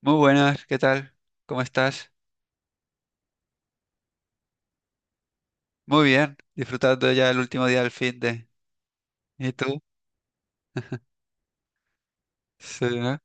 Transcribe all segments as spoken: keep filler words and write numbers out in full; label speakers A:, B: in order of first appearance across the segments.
A: Muy buenas, ¿qué tal? ¿Cómo estás? Muy bien, disfrutando ya el último día del fin de... ¿Y tú? Sí, ¿no?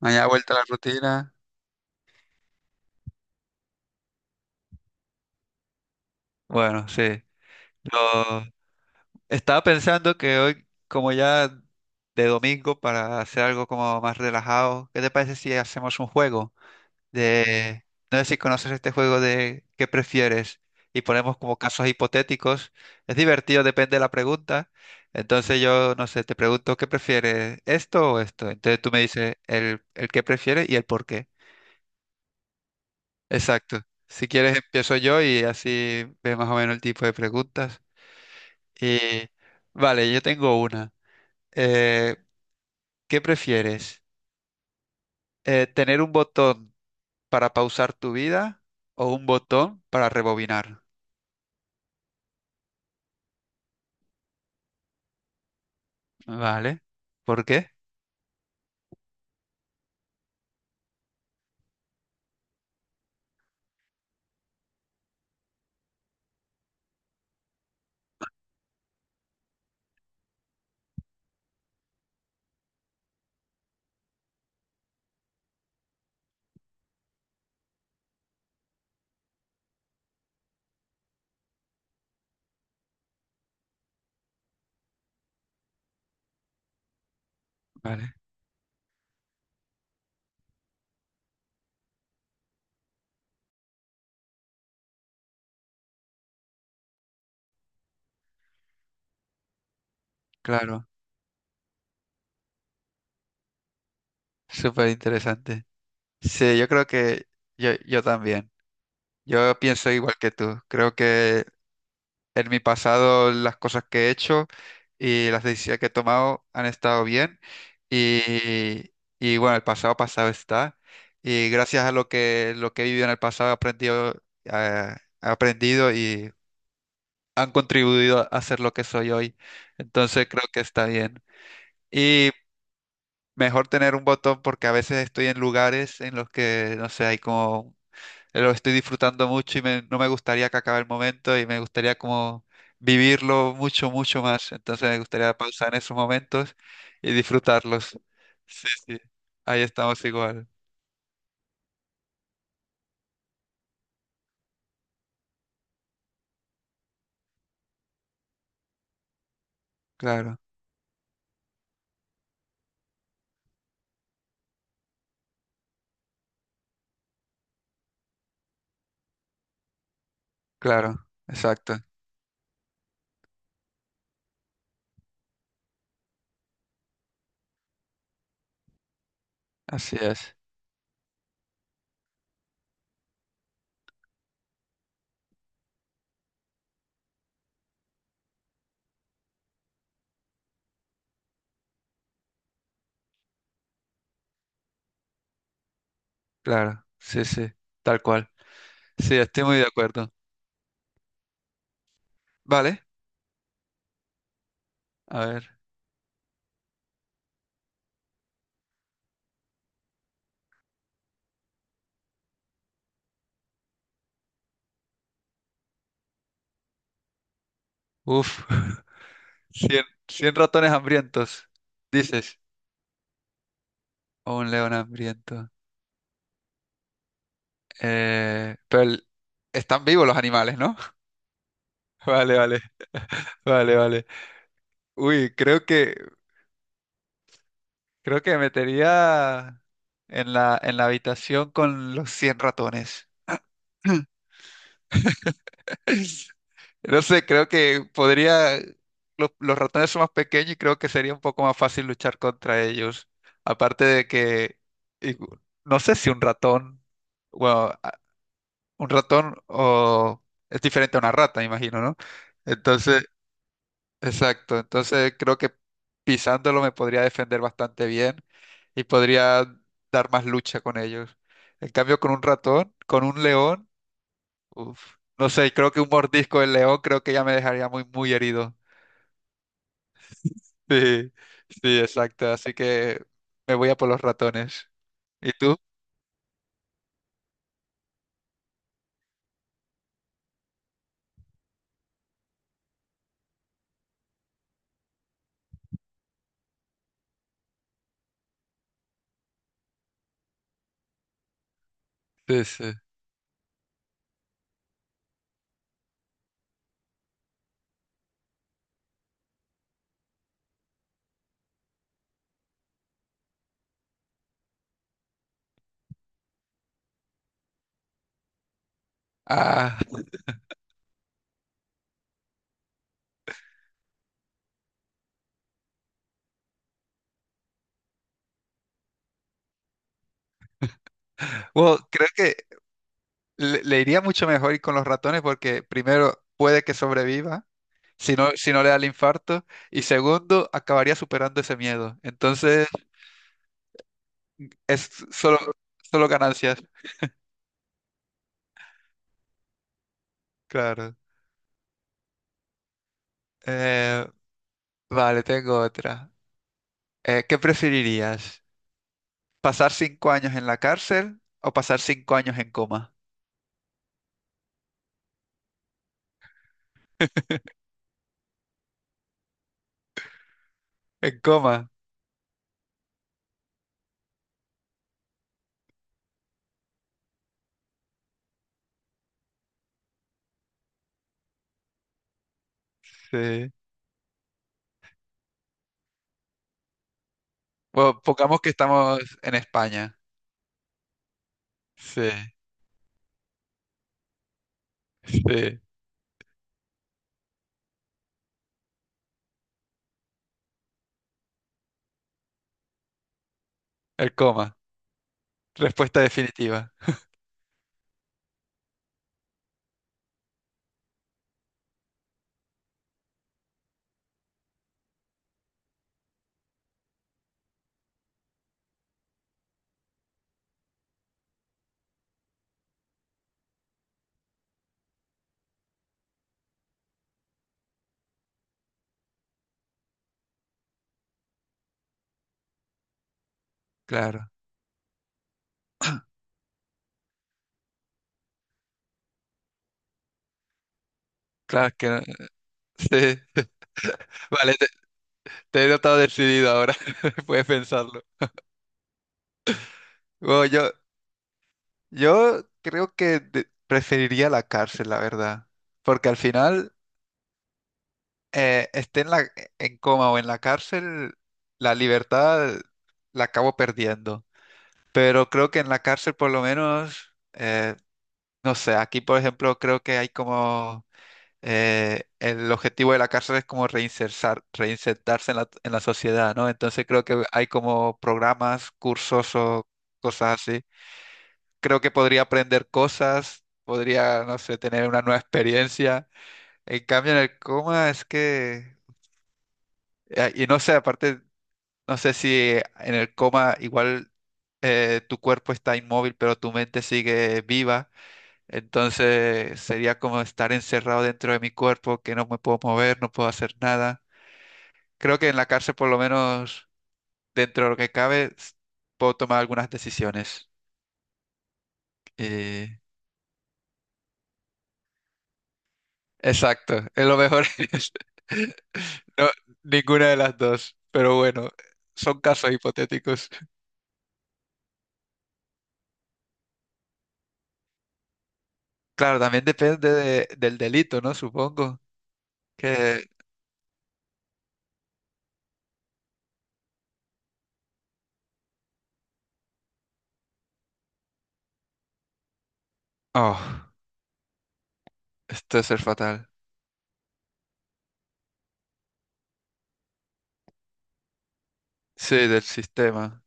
A: Mañana vuelta a la rutina. Bueno, sí. Yo estaba pensando que hoy, como ya de domingo, para hacer algo como más relajado, ¿qué te parece si hacemos un juego? de, no sé si conoces este juego de qué prefieres y ponemos como casos hipotéticos. Es divertido, depende de la pregunta. Entonces yo, no sé, te pregunto qué prefieres, esto o esto. Entonces tú me dices el, el qué prefieres y el por qué. Exacto. Si quieres empiezo yo y así ves más o menos el tipo de preguntas. Y vale, yo tengo una. Eh, ¿Qué prefieres? Eh, ¿tener un botón para pausar tu vida o un botón para rebobinar? Vale. ¿Por qué? Vale, claro. Súper interesante. Sí, yo creo que yo, yo también. Yo pienso igual que tú. Creo que en mi pasado las cosas que he hecho y las decisiones que he tomado han estado bien. Y, y bueno, el pasado pasado está. Y gracias a lo que, lo que he vivido en el pasado he aprendido, eh, he aprendido y han contribuido a ser lo que soy hoy. Entonces creo que está bien. Y Mejor tener un botón porque a veces estoy en lugares en los que, no sé, hay como, lo estoy disfrutando mucho y me- no me gustaría que acabe el momento y me gustaría como vivirlo mucho, mucho más. Entonces me gustaría pausar en esos momentos y disfrutarlos. Sí, sí, ahí estamos igual. Claro, claro, exacto. Así es, claro, sí, sí, tal cual. Sí, estoy muy de acuerdo. Vale, a ver, uf, cien cien ratones hambrientos, dices. O un león hambriento. Eh, pero el- están vivos los animales, ¿no? Vale, vale. Vale, vale. Uy, creo que creo que me metería en la en la habitación con los cien ratones. No sé, creo que podría lo- los ratones son más pequeños y creo que sería un poco más fácil luchar contra ellos. Aparte de que y- no sé si un ratón, bueno, un ratón o es diferente a una rata, me imagino, ¿no? Entonces, exacto. Entonces creo que pisándolo me podría defender bastante bien y podría dar más lucha con ellos. En cambio, con un ratón, con un león, uf, no sé, creo que un mordisco del león creo que ya me dejaría muy, muy herido. Sí, sí, exacto. Así que me voy a por los ratones. ¿Y tú? Sí, sí. Ah, bueno, creo que le, le iría mucho mejor ir con los ratones porque primero puede que sobreviva, si no, si no le da el infarto, y segundo, acabaría superando ese miedo. Entonces, es solo, solo ganancias. Claro. Eh, vale, tengo otra. Eh, ¿qué preferirías? ¿Pasar cinco años en la cárcel o pasar cinco años en coma? En coma, sí. Bueno, pongamos que estamos en España. Sí, sí. El coma. Respuesta definitiva. Claro, claro, es que sí. Vale, te, te he notado decidido ahora. Puedes pensarlo. Bueno, yo, yo creo que de- preferiría la cárcel, la verdad. Porque al final, eh, esté en la, en coma o en la cárcel, la libertad la acabo perdiendo. Pero creo que en la cárcel, por lo menos, eh, no sé, aquí, por ejemplo, creo que hay como eh, el objetivo de la cárcel es como reinsertar, reinsertarse en la, en la sociedad, ¿no? Entonces creo que hay como programas, cursos o cosas así. Creo que podría aprender cosas, podría, no sé, tener una nueva experiencia. En cambio, en el coma es que, eh, y no sé, aparte, no sé si en el coma igual eh, tu cuerpo está inmóvil, pero tu mente sigue viva. Entonces sería como estar encerrado dentro de mi cuerpo, que no me puedo mover, no puedo hacer nada. Creo que en la cárcel, por lo menos dentro de lo que cabe, s- puedo tomar algunas decisiones. Y... Exacto, es lo mejor. No, ninguna de las dos, pero bueno, son casos hipotéticos. Claro, también depende de- del delito, ¿no? Supongo que... Oh, esto es ser fatal. Sí, del sistema.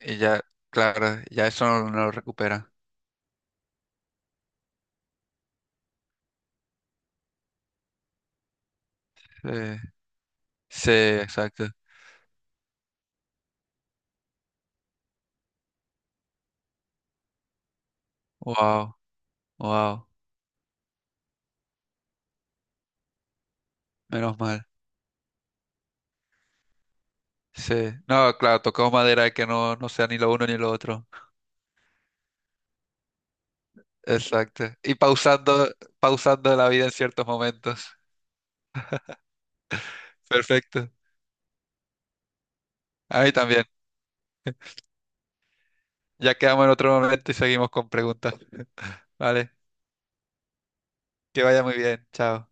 A: Y ya, claro, ya eso no, no lo recupera. Sí, sí, exacto. Wow, wow, menos mal. Sí, no, claro, tocamos madera que no, no sea ni lo uno ni lo otro. Exacto. Y pausando, pausando la vida en ciertos momentos. Perfecto. A mí también. Ya quedamos en otro momento y seguimos con preguntas. Vale, que vaya muy bien. Chao.